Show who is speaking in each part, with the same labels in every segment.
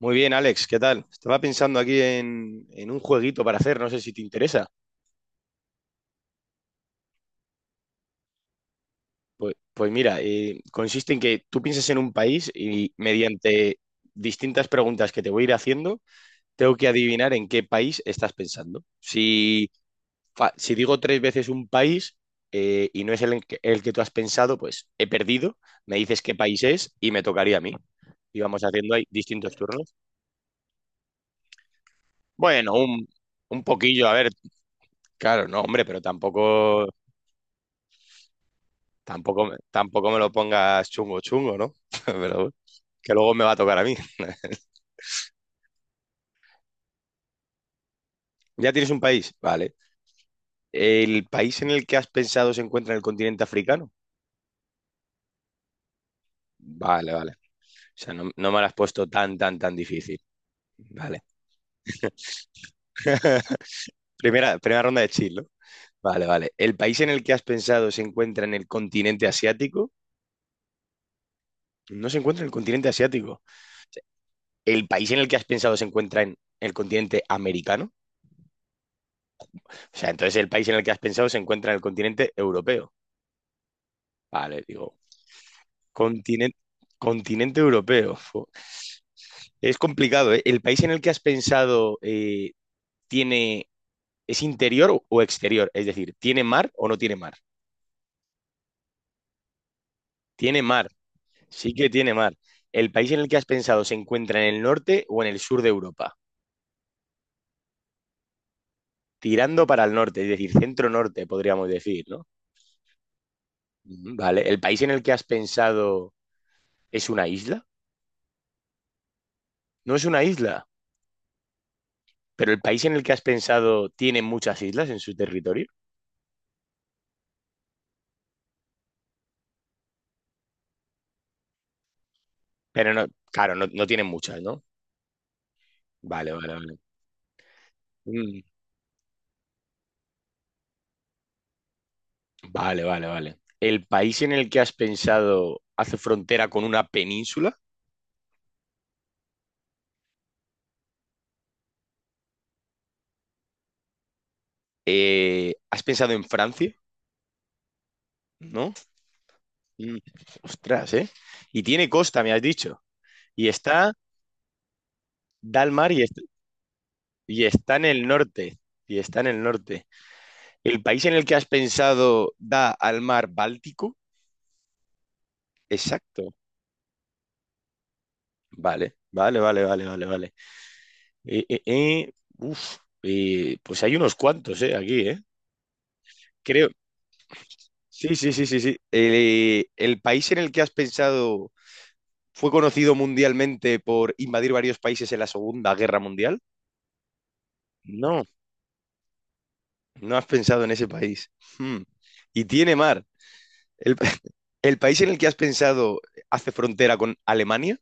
Speaker 1: Muy bien, Alex, ¿qué tal? Estaba pensando aquí en un jueguito para hacer, no sé si te interesa. Pues mira, consiste en que tú piensas en un país y mediante distintas preguntas que te voy a ir haciendo, tengo que adivinar en qué país estás pensando. Si digo tres veces un país y no es el que tú has pensado, pues he perdido, me dices qué país es y me tocaría a mí. Y vamos haciendo ahí distintos turnos. Bueno, un poquillo, a ver, claro, no, hombre, pero tampoco... Tampoco, me lo pongas chungo, chungo, ¿no? Pero bueno, que luego me va a tocar a mí. ¿Ya tienes un país? Vale. ¿El país en el que has pensado se encuentra en el continente africano? Vale, vale. O sea, no, no me lo has puesto tan, tan, tan difícil. Vale. Primera ronda de chill, ¿no? Vale, vale. ¿El país en el que has pensado se encuentra en el continente asiático? No se encuentra en el continente asiático. ¿El país en el que has pensado se encuentra en el continente americano? O sea, entonces el país en el que has pensado se encuentra en el continente europeo. Vale, digo, Continente, continente europeo. Fu. Es complicado, ¿eh? ¿El país en el que has pensado tiene, es interior o exterior? Es decir, ¿tiene mar o no tiene mar? Tiene mar, sí que tiene mar. ¿El país en el que has pensado se encuentra en el norte o en el sur de Europa? Tirando para el norte, es decir, centro-norte, podríamos decir, ¿no? Mm, vale, ¿el país en el que has pensado es una isla? No es una isla, pero el país en el que has pensado tiene muchas islas en su territorio. Pero no, claro, no, no tiene muchas, ¿no? Vale, vale, vale. Mm, vale, vale, vale. ¿El país en el que has pensado hace frontera con una península? ¿Has pensado en Francia? ¿No? Mm, Ostras, ¿eh? Y tiene costa, me has dicho. Y está, Da al mar y está en el norte. Y está en el norte. ¿El país en el que has pensado da al mar Báltico? Exacto. Vale, vale, vale, vale, vale, vale. Eh, eh, eh, uf, pues hay unos cuantos, ¿eh? Aquí, ¿eh? Creo, Sí, sí, sí, sí, sí. El país en el que has pensado fue conocido mundialmente por invadir varios países en la Segunda Guerra Mundial. No, no has pensado en ese país. Hmm. Y tiene mar. El, el país en el que has pensado hace frontera con Alemania.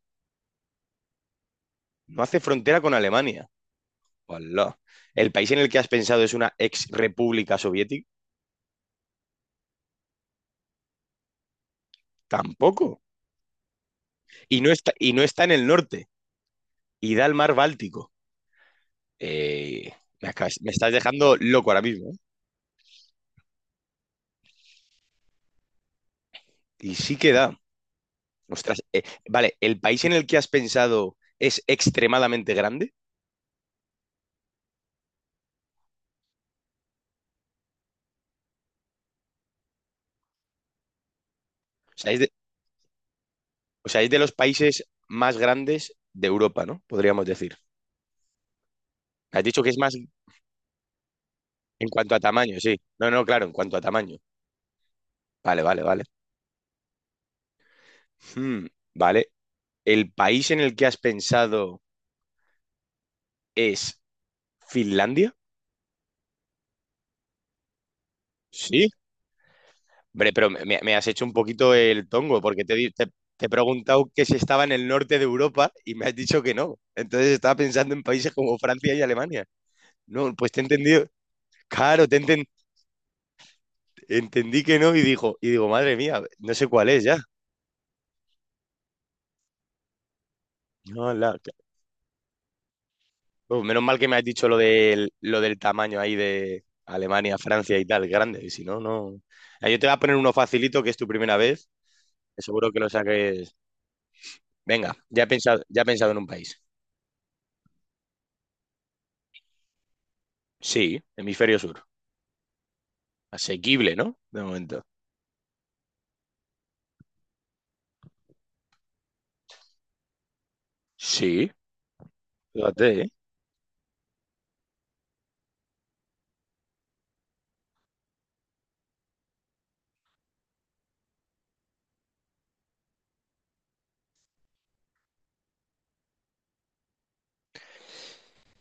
Speaker 1: No hace frontera con Alemania. Hola. El país en el que has pensado es una ex república soviética. Tampoco. Y no está en el norte. Y da al mar Báltico. Eh, me estás dejando loco ahora mismo. Y sí que da. Ostras, vale, ¿el país en el que has pensado es extremadamente grande? O sea, es de, o sea, es de los países más grandes de Europa, ¿no? Podríamos decir. Has dicho que es más en cuanto a tamaño, sí. No, no, claro, en cuanto a tamaño. Vale, vale, vale. Hmm, vale. ¿El país en el que has pensado es Finlandia? Sí. Hombre, pero me has hecho un poquito el tongo, porque te he preguntado que si estaba en el norte de Europa y me has dicho que no. Entonces estaba pensando en países como Francia y Alemania. No, pues te he entendido. Claro, entendí que no y digo, madre mía, no sé cuál es ya. No, pues menos mal que me has dicho lo del, tamaño ahí de Alemania, Francia y tal, grande, y si no, no. Ah, yo te voy a poner uno facilito, que es tu primera vez, que seguro que lo saques. Venga, ya he pensado en un país. Sí, hemisferio sur. Asequible, ¿no? De momento. Sí, fíjate, ¿eh?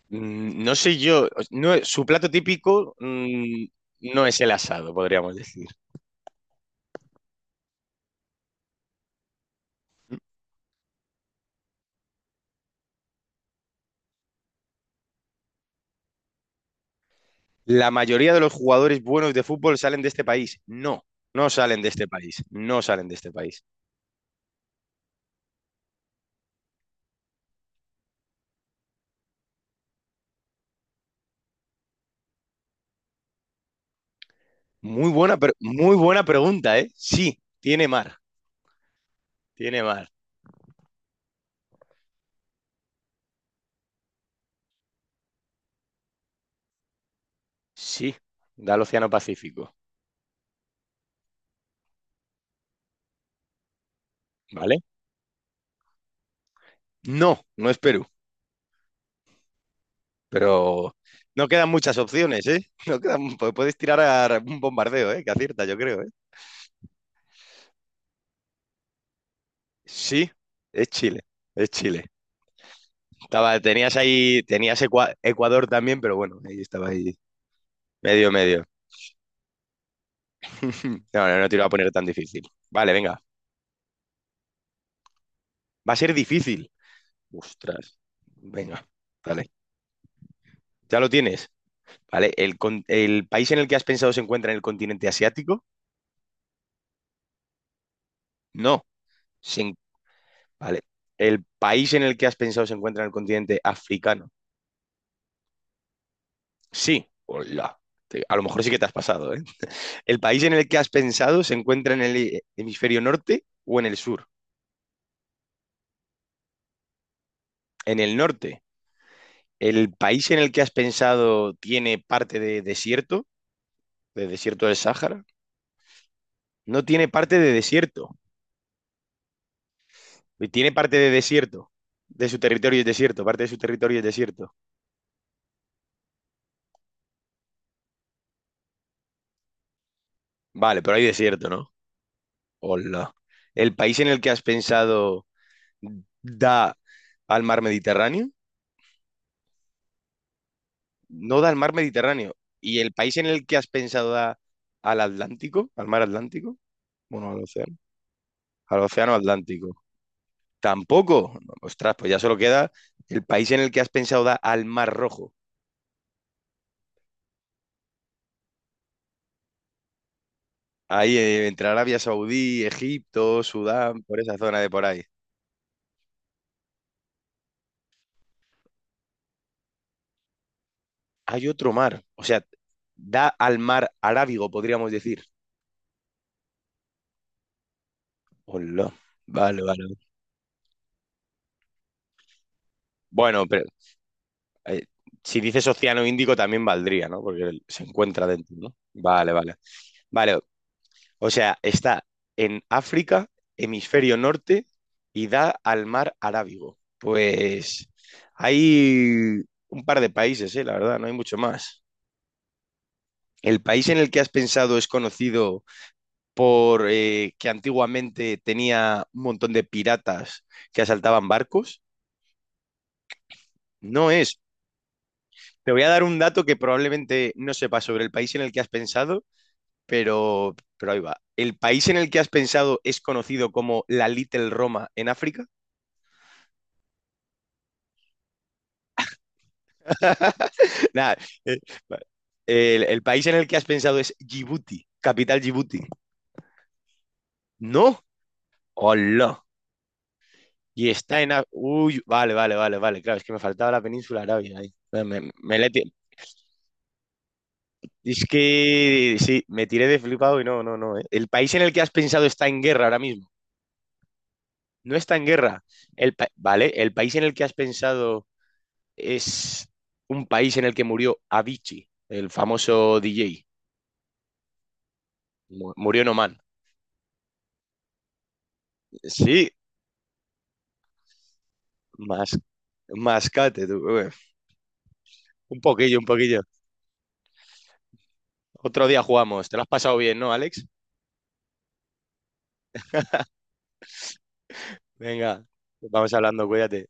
Speaker 1: No sé yo, no, su plato típico no es el asado, podríamos decir. La mayoría de los jugadores buenos de fútbol salen de este país. No, no salen de este país. No salen de este país. Muy buena pregunta, ¿eh? Sí, tiene mar. Tiene mar. Sí, da al Océano Pacífico. ¿Vale? No, no es Perú. Pero no quedan muchas opciones, ¿eh? No quedan, pu- puedes tirar a un bombardeo, ¿eh? Que acierta, yo creo, ¿eh? Sí, es Chile. Es Chile. Estaba, tenías ahí, tenías Ecua- Ecuador también, pero bueno, ahí estaba ahí. Medio, medio. No, no, no te lo voy a poner tan difícil. Vale, venga. Va a ser difícil. Ostras. Venga, dale. Ya lo tienes. Vale. ¿El país en el que has pensado se encuentra en el continente asiático? No. Se en- Vale. ¿El país en el que has pensado se encuentra en el continente africano? Sí. Hola. A lo mejor sí que te has pasado, ¿eh? ¿El país en el que has pensado se encuentra en el hemisferio norte o en el sur? En el norte. ¿El país en el que has pensado tiene parte de desierto? ¿De desierto del Sáhara? No tiene parte de desierto. Tiene parte de desierto. De su territorio es desierto. Parte de su territorio es desierto. Vale, pero hay desierto, ¿no? Hola. ¿El país en el que has pensado da al mar Mediterráneo? No da al mar Mediterráneo. ¿Y el país en el que has pensado da al Atlántico? ¿Al mar Atlántico? Bueno, al océano. Al océano Atlántico. Tampoco. Ostras, pues ya solo queda el país en el que has pensado da al mar Rojo. Ahí entre Arabia Saudí, Egipto, Sudán, por esa zona de por ahí. Hay otro mar. O sea, da al mar Arábigo, podríamos decir. Hola. Vale, vale. Bueno, pero eh, si dices Océano Índico también valdría, ¿no? Porque se encuentra dentro, ¿no? Vale, vale. Vale. O sea, está en África, hemisferio norte, y da al mar Arábigo. Pues hay un par de países, la verdad, no hay mucho más. ¿El país en el que has pensado es conocido por que antiguamente tenía un montón de piratas que asaltaban barcos? No es. Te voy a dar un dato que probablemente no sepas sobre el país en el que has pensado, pero ahí va. ¿El país en el que has pensado es conocido como la Little Roma en África? Nada. eh, el país en el que has pensado es Djibouti, capital Djibouti. No. Hola. Uy, vale, vale, vale, vale. Claro, es que me faltaba la península arábiga ahí. Me- me la he ti- Es que sí, me tiré de flipado y no, no, no. El país en el que has pensado está en guerra ahora mismo. No está en guerra. Vale, el país en el que has pensado es un país en el que murió Avicii, el famoso DJ. Murió en Oman. Sí, más, mascate tú. Un poquillo, un poquillo. Otro día jugamos. Te lo has pasado bien, ¿no, Alex? Venga, vamos hablando, cuídate.